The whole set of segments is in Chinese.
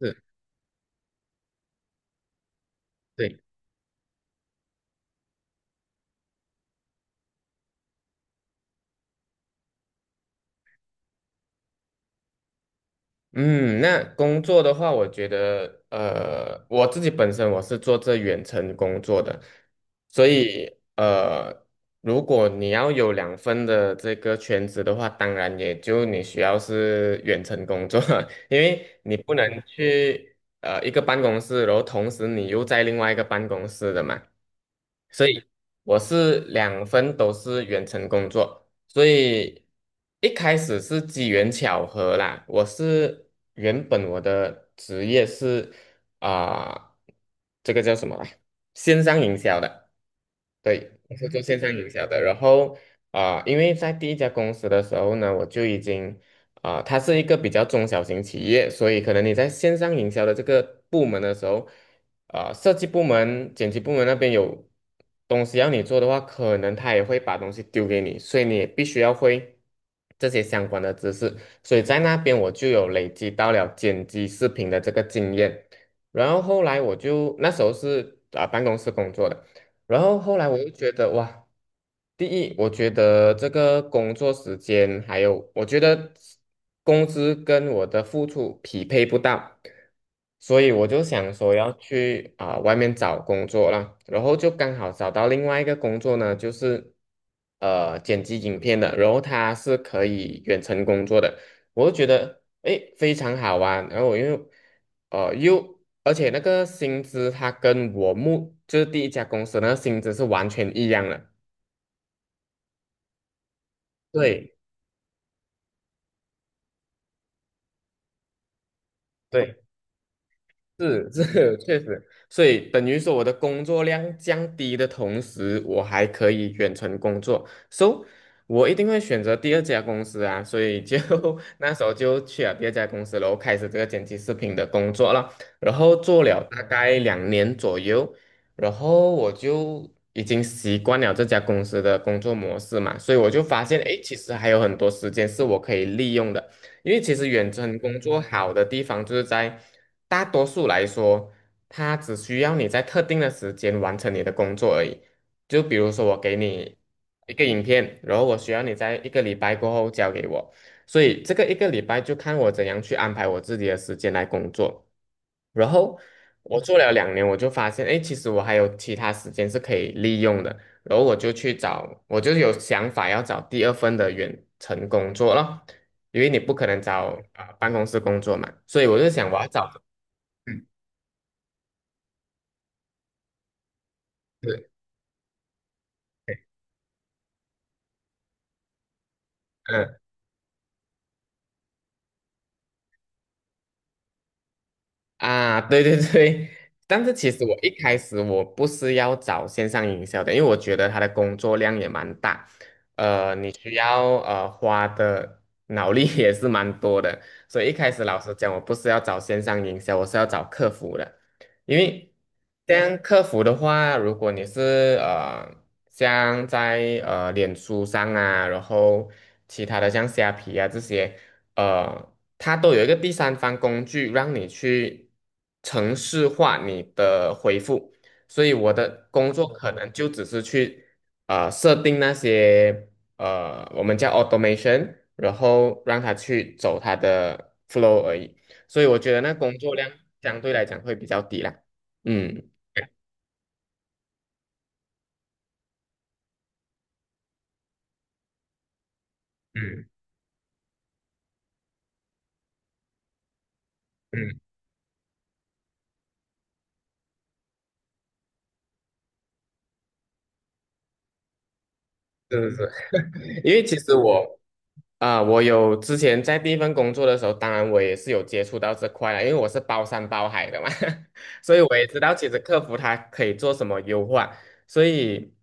是，对，嗯，那工作的话，我觉得，我自己本身我是做这远程工作的，所以，呃，如果你要有两份的这个全职的话，当然也就你需要是远程工作，因为你不能去一个办公室，然后同时你又在另外一个办公室的嘛。所以我是两份都是远程工作，所以一开始是机缘巧合啦。我是原本我的职业是啊、这个叫什么来？线上营销的，对，我是做线上营销的。然后因为在第一家公司的时候呢，我就已经它是一个比较中小型企业，所以可能你在线上营销的这个部门的时候，设计部门、剪辑部门那边有东西要你做的话，可能他也会把东西丢给你，所以你也必须要会这些相关的知识。所以在那边我就有累积到了剪辑视频的这个经验，然后后来我就那时候是办公室工作的。然后后来我又觉得哇，第一，我觉得这个工作时间还有，我觉得工资跟我的付出匹配不到，所以我就想说要去外面找工作啦，然后就刚好找到另外一个工作呢，就是剪辑影片的，然后它是可以远程工作的。我就觉得诶非常好玩。然后我又而且那个薪资它跟我就是第一家公司那个薪资是完全一样的，对对，是 是，确实，所以等于说我的工作量降低的同时，我还可以远程工作，so 我一定会选择第二家公司啊，所以就 那时候就去了第二家公司，然后开始这个剪辑视频的工作了，然后做了大概两年左右，然后我就已经习惯了这家公司的工作模式嘛，所以我就发现，诶，其实还有很多时间是我可以利用的。因为其实远程工作好的地方就是在大多数来说，它只需要你在特定的时间完成你的工作而已。就比如说我给你一个影片，然后我需要你在一个礼拜过后交给我，所以这个一个礼拜就看我怎样去安排我自己的时间来工作。然后我做了两年，我就发现，哎，其实我还有其他时间是可以利用的。然后我就去找，我就有想法要找第二份的远程工作了。因为你不可能找办公室工作嘛，所以我就想我要找，嗯，对，嗯。啊，对对对，但是其实我一开始我不是要找线上营销的，因为我觉得他的工作量也蛮大，你需要花的脑力 也是蛮多的，所以一开始老实讲，我不是要找线上营销，我是要找客服的，因为像客服的话，如果你是像在脸书上啊，然后其他的像虾皮啊这些。呃，它都有一个第三方工具让你去程式化你的回复，所以我的工作可能就只是去设定那些我们叫 automation，然后让它去走它的 flow 而已，所以我觉得那工作量相对来讲会比较低啦。嗯嗯嗯，是是是。因为其实我啊，我有之前在第一份工作的时候，当然我也是有接触到这块了，因为我是包山包海的嘛，所以我也知道其实客服它可以做什么优化。所以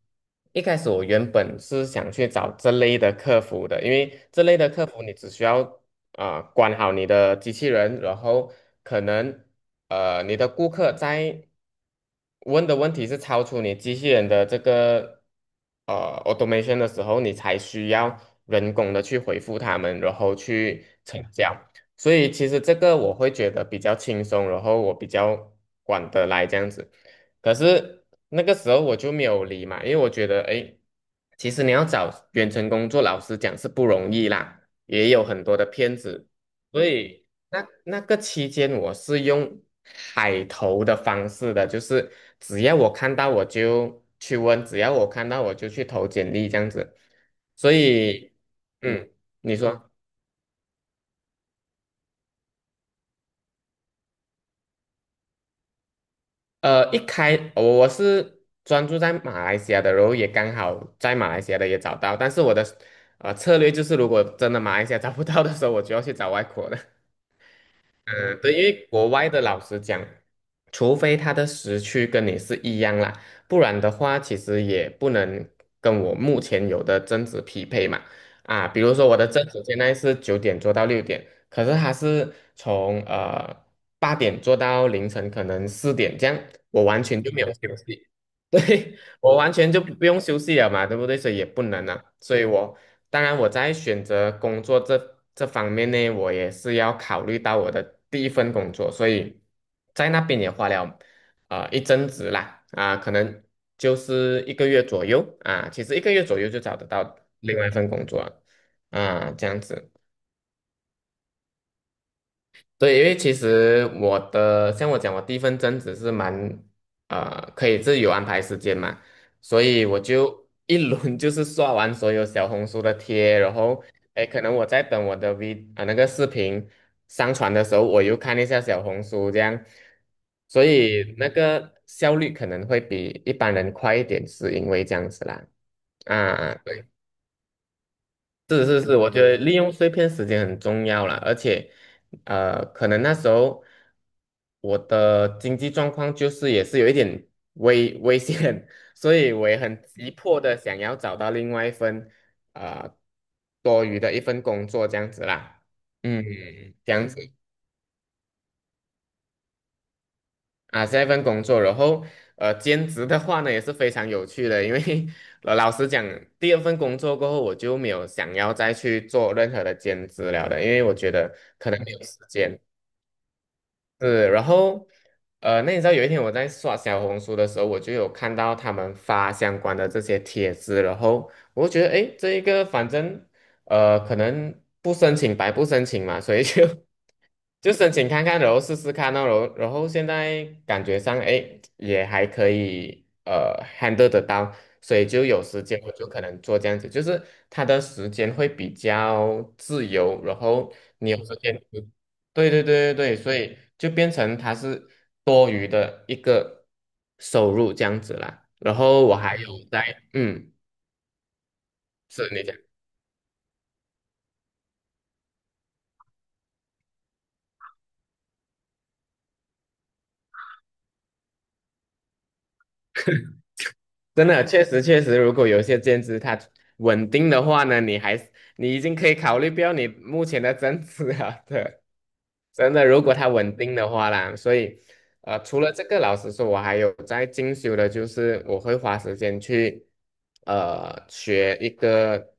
一开始我原本是想去找这类的客服的，因为这类的客服你只需要管好你的机器人，然后可能你的顾客在问的问题是超出你机器人的这个automation 的时候，你才需要人工的去回复他们，然后去成交。所以其实这个我会觉得比较轻松，然后我比较管得来这样子。可是那个时候我就没有理嘛，因为我觉得，诶，其实你要找远程工作老师讲是不容易啦。也有很多的骗子，所以那个期间我是用海投的方式的，就是只要我看到我就去问，只要我看到我就去投简历这样子，所以嗯，你说。一开我是专注在马来西亚的，然后也刚好在马来西亚的也找到，但是我的策略就是，如果真的马来西亚找不到的时候，我就要去找外国的。嗯，对，因为国外的老师讲，除非他的时区跟你是一样啦，不然的话，其实也不能跟我目前有的正值匹配嘛。啊，比如说我的正值现在是九点做到六点，可是他是从八点做到凌晨可能四点这样，我完全就没有休息。对，我完全就不用休息了嘛，对不对？所以也不能啊，所以我当然我在选择工作这方面呢，我也是要考虑到我的第一份工作，所以在那边也花了啊一阵子啦，可能就是一个月左右啊，其实一个月左右就找得到另外一份工作了啊，这样子。对，因为其实我的，像我讲，我第一份正职是蛮，可以自由安排时间嘛，所以我就一轮 就是刷完所有小红书的贴，然后，哎，可能我在等我的 V 那个视频上传的时候，我又看一下小红书这样，所以那个效率可能会比一般人快一点，是因为这样子啦，啊。是是是，我觉得利用碎片时间很重要啦，而且，可能那时候我的经济状况就是也是有一点危险，所以我也很急迫的想要找到另外一份啊多余的一份工作这样子啦，嗯，这样子，啊，这一份工作，然后兼职的话呢也是非常有趣的，因为老实讲，第二份工作过后，我就没有想要再去做任何的兼职了的，因为我觉得可能没有时间。是，然后那你知道有一天我在刷小红书的时候，我就有看到他们发相关的这些帖子，然后我就觉得，诶，这一个反正可能不申请白不申请嘛，所以就 就申请看看，然后试试看哦，然后现在感觉上，哎，也还可以，handle 得到，所以就有时间我就可能做这样子，就是他的时间会比较自由，然后你有时间就对对对对对，所以就变成他是多余的一个收入这样子啦。然后我还有在，嗯，是你讲。真的，确实确实，如果有一些兼职它稳定的话呢，你还是你已经可以考虑不要你目前的增值了的。真的，如果它稳定的话啦，所以，除了这个，老实说，我还有在进修的，就是我会花时间去，学一个，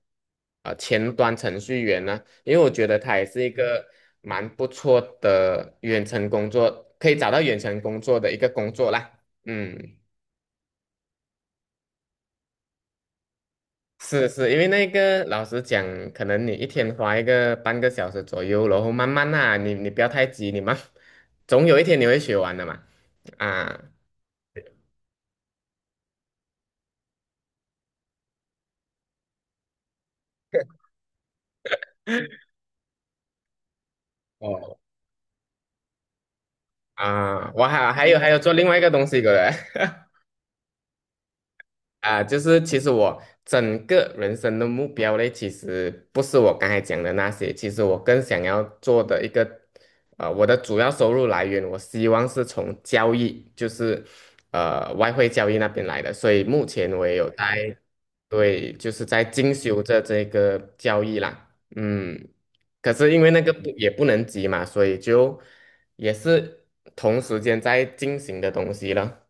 前端程序员呢，因为我觉得它也是一个蛮不错的远程工作，可以找到远程工作的一个工作啦，嗯。是是，因为那个老实讲，可能你一天花一个半个小时左右，然后慢慢啊，你不要太急，你慢，总有一天你会学完的嘛。啊哦，啊，我还有做另外一个东西过来 啊，就是其实我整个人生的目标嘞，其实不是我刚才讲的那些，其实我更想要做的一个，我的主要收入来源，我希望是从交易，就是外汇交易那边来的，所以目前我也有在。对，就是在进修着这个教育啦，嗯，可是因为那个不也不能急嘛，所以就也是同时间在进行的东西了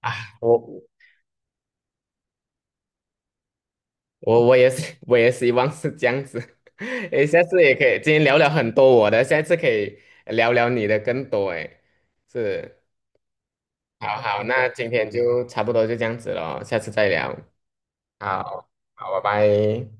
啊。我我也是，我也希望是这样子。诶，下次也可以，今天聊聊很多我的，下一次可以聊聊你的更多。诶，是，好好，那今天就差不多就这样子了，下次再聊。好，好，拜拜。